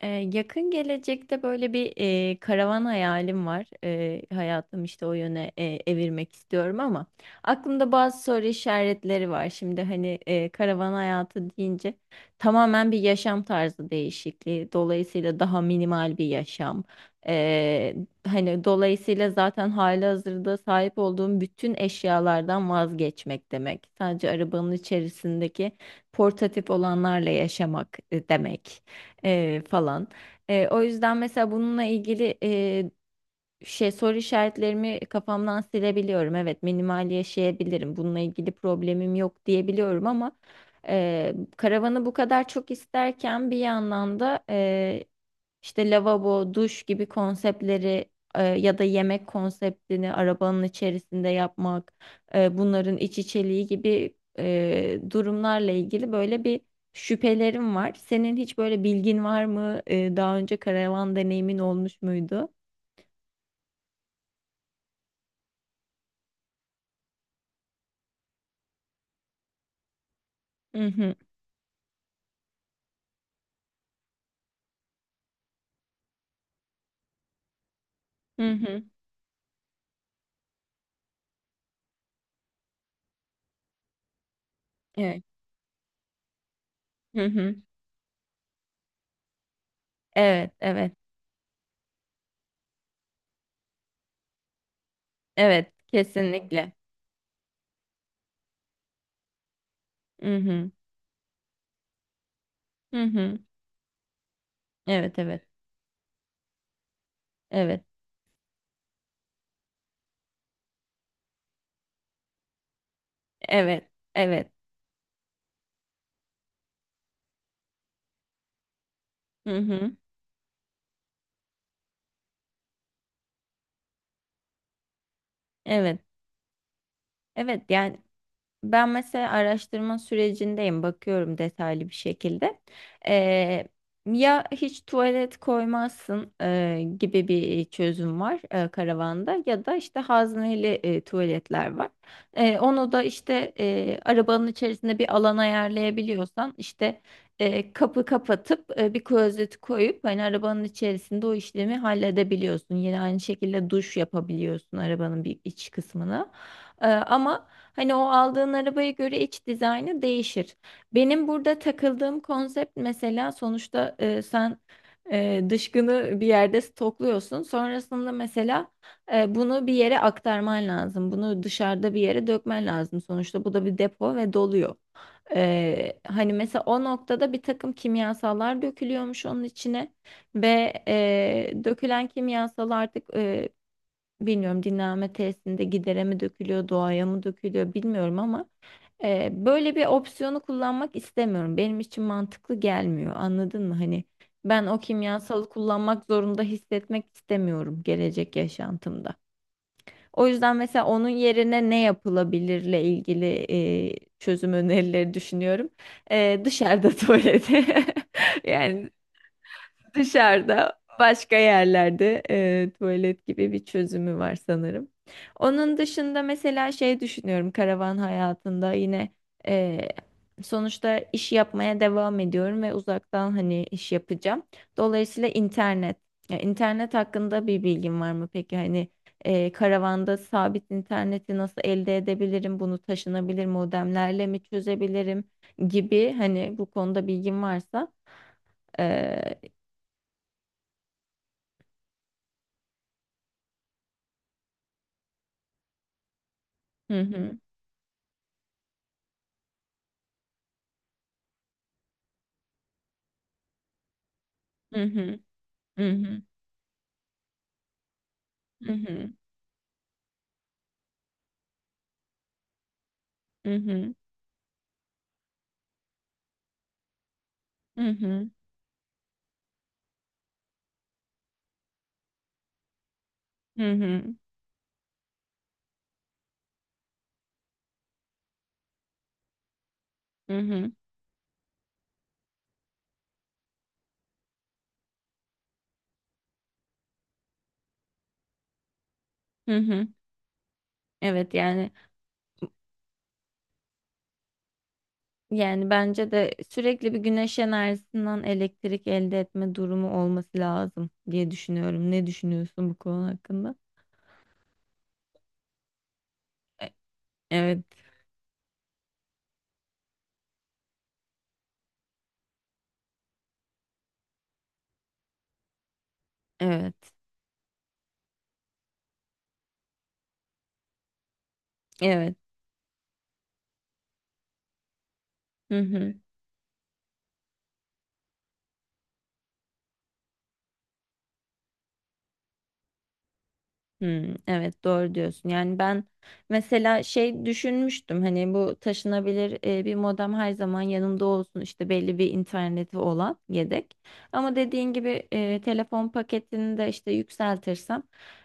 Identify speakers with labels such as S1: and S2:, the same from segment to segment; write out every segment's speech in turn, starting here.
S1: Ee, yakın gelecekte böyle bir karavan hayalim var. Hayatım işte o yöne evirmek istiyorum ama aklımda bazı soru işaretleri var. Şimdi hani karavan hayatı deyince tamamen bir yaşam tarzı değişikliği. Dolayısıyla daha minimal bir yaşam. Ee, hani dolayısıyla zaten halihazırda sahip olduğum bütün eşyalardan vazgeçmek demek. Sadece arabanın içerisindeki portatif olanlarla yaşamak demek falan. O yüzden mesela bununla ilgili şey soru işaretlerimi kafamdan silebiliyorum. Evet, minimal yaşayabilirim. Bununla ilgili problemim yok diyebiliyorum ama karavanı bu kadar çok isterken bir yandan da işte lavabo, duş gibi konseptleri ya da yemek konseptini arabanın içerisinde yapmak, bunların iç içeliği gibi durumlarla ilgili böyle bir şüphelerim var. Senin hiç böyle bilgin var mı? Daha önce karavan deneyimin olmuş muydu? Hı hı. Hı hı. Evet. Hı hı. Evet, evet. Evet, kesinlikle. Hı hı. Hı hı. Evet, evet. Evet. Evet. Evet. Hı hı. Evet. Evet. Yani ben mesela araştırma sürecindeyim, bakıyorum detaylı bir şekilde. Eee, ya hiç tuvalet koymazsın gibi bir çözüm var karavanda ya da işte hazneli tuvaletler var. Onu da işte arabanın içerisinde bir alan ayarlayabiliyorsan işte kapı kapatıp bir klozeti koyup hani arabanın içerisinde o işlemi halledebiliyorsun. Yine aynı şekilde duş yapabiliyorsun arabanın bir iç kısmını. Ama hani o aldığın arabaya göre iç dizaynı değişir. Benim burada takıldığım konsept mesela sonuçta sen dışkını bir yerde stokluyorsun. Sonrasında mesela bunu bir yere aktarman lazım. Bunu dışarıda bir yere dökmen lazım. Sonuçta bu da bir depo ve doluyor. Hani mesela o noktada bir takım kimyasallar dökülüyormuş onun içine ve dökülen kimyasal artık bilmiyorum dinlenme tesisinde gidere mi dökülüyor, doğaya mı dökülüyor bilmiyorum ama böyle bir opsiyonu kullanmak istemiyorum. Benim için mantıklı gelmiyor. Anladın mı? Hani ben o kimyasalı kullanmak zorunda hissetmek istemiyorum gelecek yaşantımda. O yüzden mesela onun yerine ne yapılabilirle ilgili çözüm önerileri düşünüyorum. Dışarıda tuvalete. Yani dışarıda başka yerlerde tuvalet gibi bir çözümü var sanırım. Onun dışında mesela şey düşünüyorum karavan hayatında yine e, sonuçta iş yapmaya devam ediyorum ve uzaktan hani iş yapacağım. Dolayısıyla internet. Ya, internet hakkında bir bilgin var mı peki? Hani karavanda sabit interneti nasıl elde edebilirim? Bunu taşınabilir modemlerle mi çözebilirim gibi hani bu konuda bilgin varsa. e, Hı hı. Hı hı. Hı hı. Hı hı. Hı hı. Hı hı. Hı hı. Hı hı. Hı hı. Evet, yani bence de sürekli bir güneş enerjisinden elektrik elde etme durumu olması lazım diye düşünüyorum. Ne düşünüyorsun bu konu hakkında? E- Evet. Evet. Evet. Hı hı. Hmm, evet doğru diyorsun. Yani ben mesela şey düşünmüştüm hani bu taşınabilir bir modem her zaman yanımda olsun işte belli bir interneti olan yedek. Ama dediğin gibi telefon paketini de işte yükseltirsem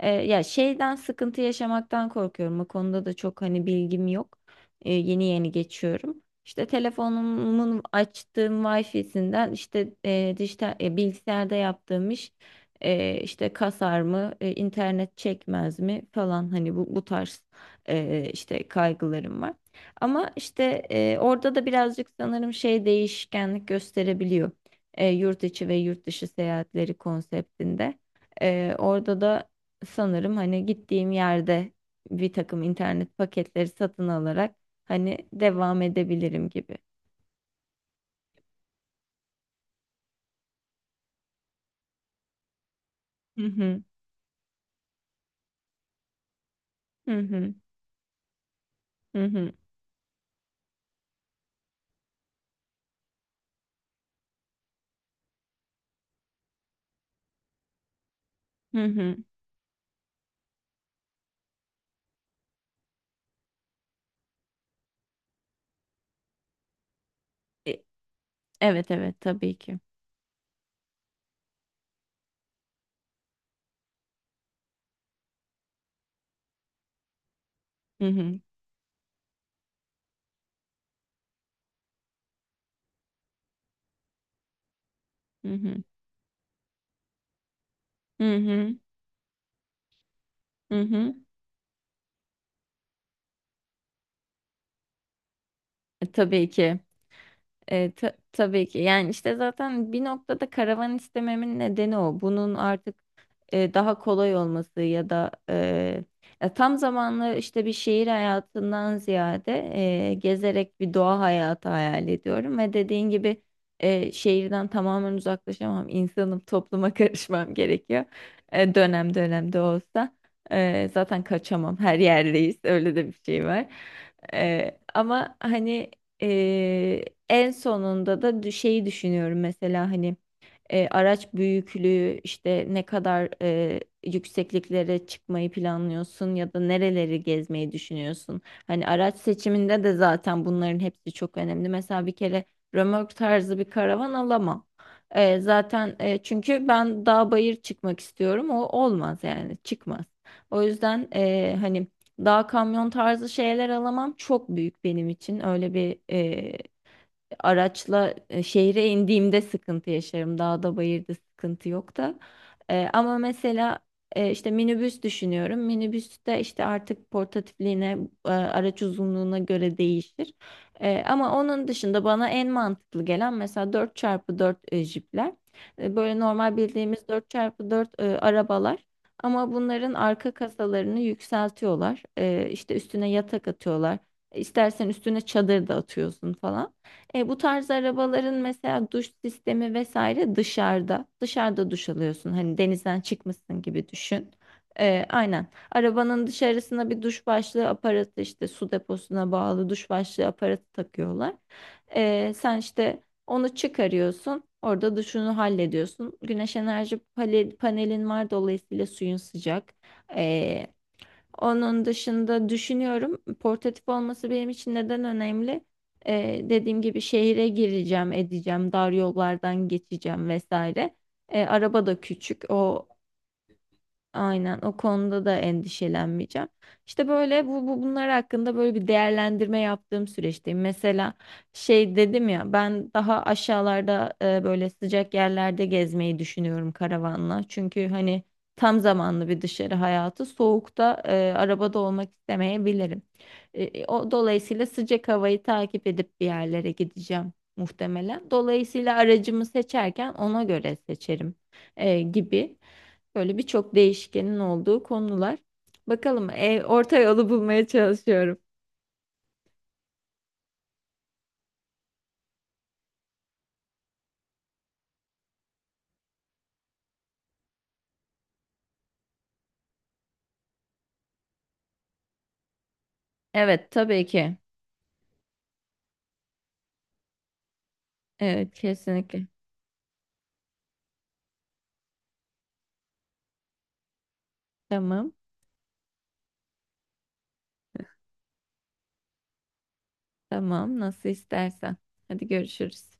S1: ya şeyden sıkıntı yaşamaktan korkuyorum. O konuda da çok hani bilgim yok. Yeni yeni geçiyorum. İşte telefonumun açtığım Wi-Fi'sinden işte dijital bilgisayarda yaptığım iş işte kasar mı, internet çekmez mi falan hani bu tarz işte kaygılarım var. Ama işte orada da birazcık sanırım şey değişkenlik gösterebiliyor. Yurt içi ve yurt dışı seyahatleri konseptinde. Orada da sanırım hani gittiğim yerde bir takım internet paketleri satın alarak hani devam edebilirim gibi. Hı hı, hı hı, hı hı, hı hı. E, Evet, evet, tabii ki. Hı hı, hı hı. Hı hı, hı hı. Tabii ki. Tabii ki. Yani işte zaten bir noktada karavan istememin nedeni o. Bunun artık daha kolay olması ya da ya tam zamanlı işte bir şehir hayatından ziyade gezerek bir doğa hayatı hayal ediyorum ve dediğin gibi şehirden tamamen uzaklaşamam. İnsanım, topluma karışmam gerekiyor. Dönem dönem de olsa. Zaten kaçamam. Her yerdeyiz. Öyle de bir şey var. Ama hani en sonunda da şeyi düşünüyorum mesela hani araç büyüklüğü işte ne kadar yüksekliklere çıkmayı planlıyorsun ya da nereleri gezmeyi düşünüyorsun? Hani araç seçiminde de zaten bunların hepsi çok önemli. Mesela bir kere römork tarzı bir karavan alamam. Zaten çünkü ben dağ bayır çıkmak istiyorum. O olmaz yani çıkmaz. O yüzden hani dağ kamyon tarzı şeyler alamam çok büyük benim için. Öyle bir araçla şehre indiğimde sıkıntı yaşarım. Dağda bayırda sıkıntı yok da. Ama mesela işte minibüs düşünüyorum. Minibüste işte artık portatifliğine, araç uzunluğuna göre değişir. Ama onun dışında bana en mantıklı gelen mesela 4x4 jipler. Böyle normal bildiğimiz 4x4 arabalar. Ama bunların arka kasalarını yükseltiyorlar. İşte üstüne yatak atıyorlar. İstersen üstüne çadır da atıyorsun falan. Bu tarz arabaların mesela duş sistemi vesaire dışarıda. Dışarıda duş alıyorsun. Hani denizden çıkmışsın gibi düşün. Aynen. Arabanın dışarısına bir duş başlığı aparatı işte su deposuna bağlı duş başlığı aparatı takıyorlar. Sen işte onu çıkarıyorsun. Orada duşunu hallediyorsun. Güneş enerji panelin var dolayısıyla suyun sıcak. E, onun dışında düşünüyorum portatif olması benim için neden önemli? Dediğim gibi şehire gireceğim, edeceğim, dar yollardan geçeceğim vesaire. Araba da küçük. O Aynen o konuda da endişelenmeyeceğim. İşte böyle bu, bu bunlar hakkında böyle bir değerlendirme yaptığım süreçteyim. Mesela şey dedim ya ben daha aşağılarda böyle sıcak yerlerde gezmeyi düşünüyorum karavanla. Çünkü hani tam zamanlı bir dışarı hayatı soğukta arabada olmak istemeyebilirim. O dolayısıyla sıcak havayı takip edip bir yerlere gideceğim muhtemelen. Dolayısıyla aracımı seçerken ona göre seçerim gibi. Böyle birçok değişkenin olduğu konular. Bakalım orta yolu bulmaya çalışıyorum. Evet, tabii ki. Evet, kesinlikle. Tamam, tamam, nasıl istersen. Hadi görüşürüz.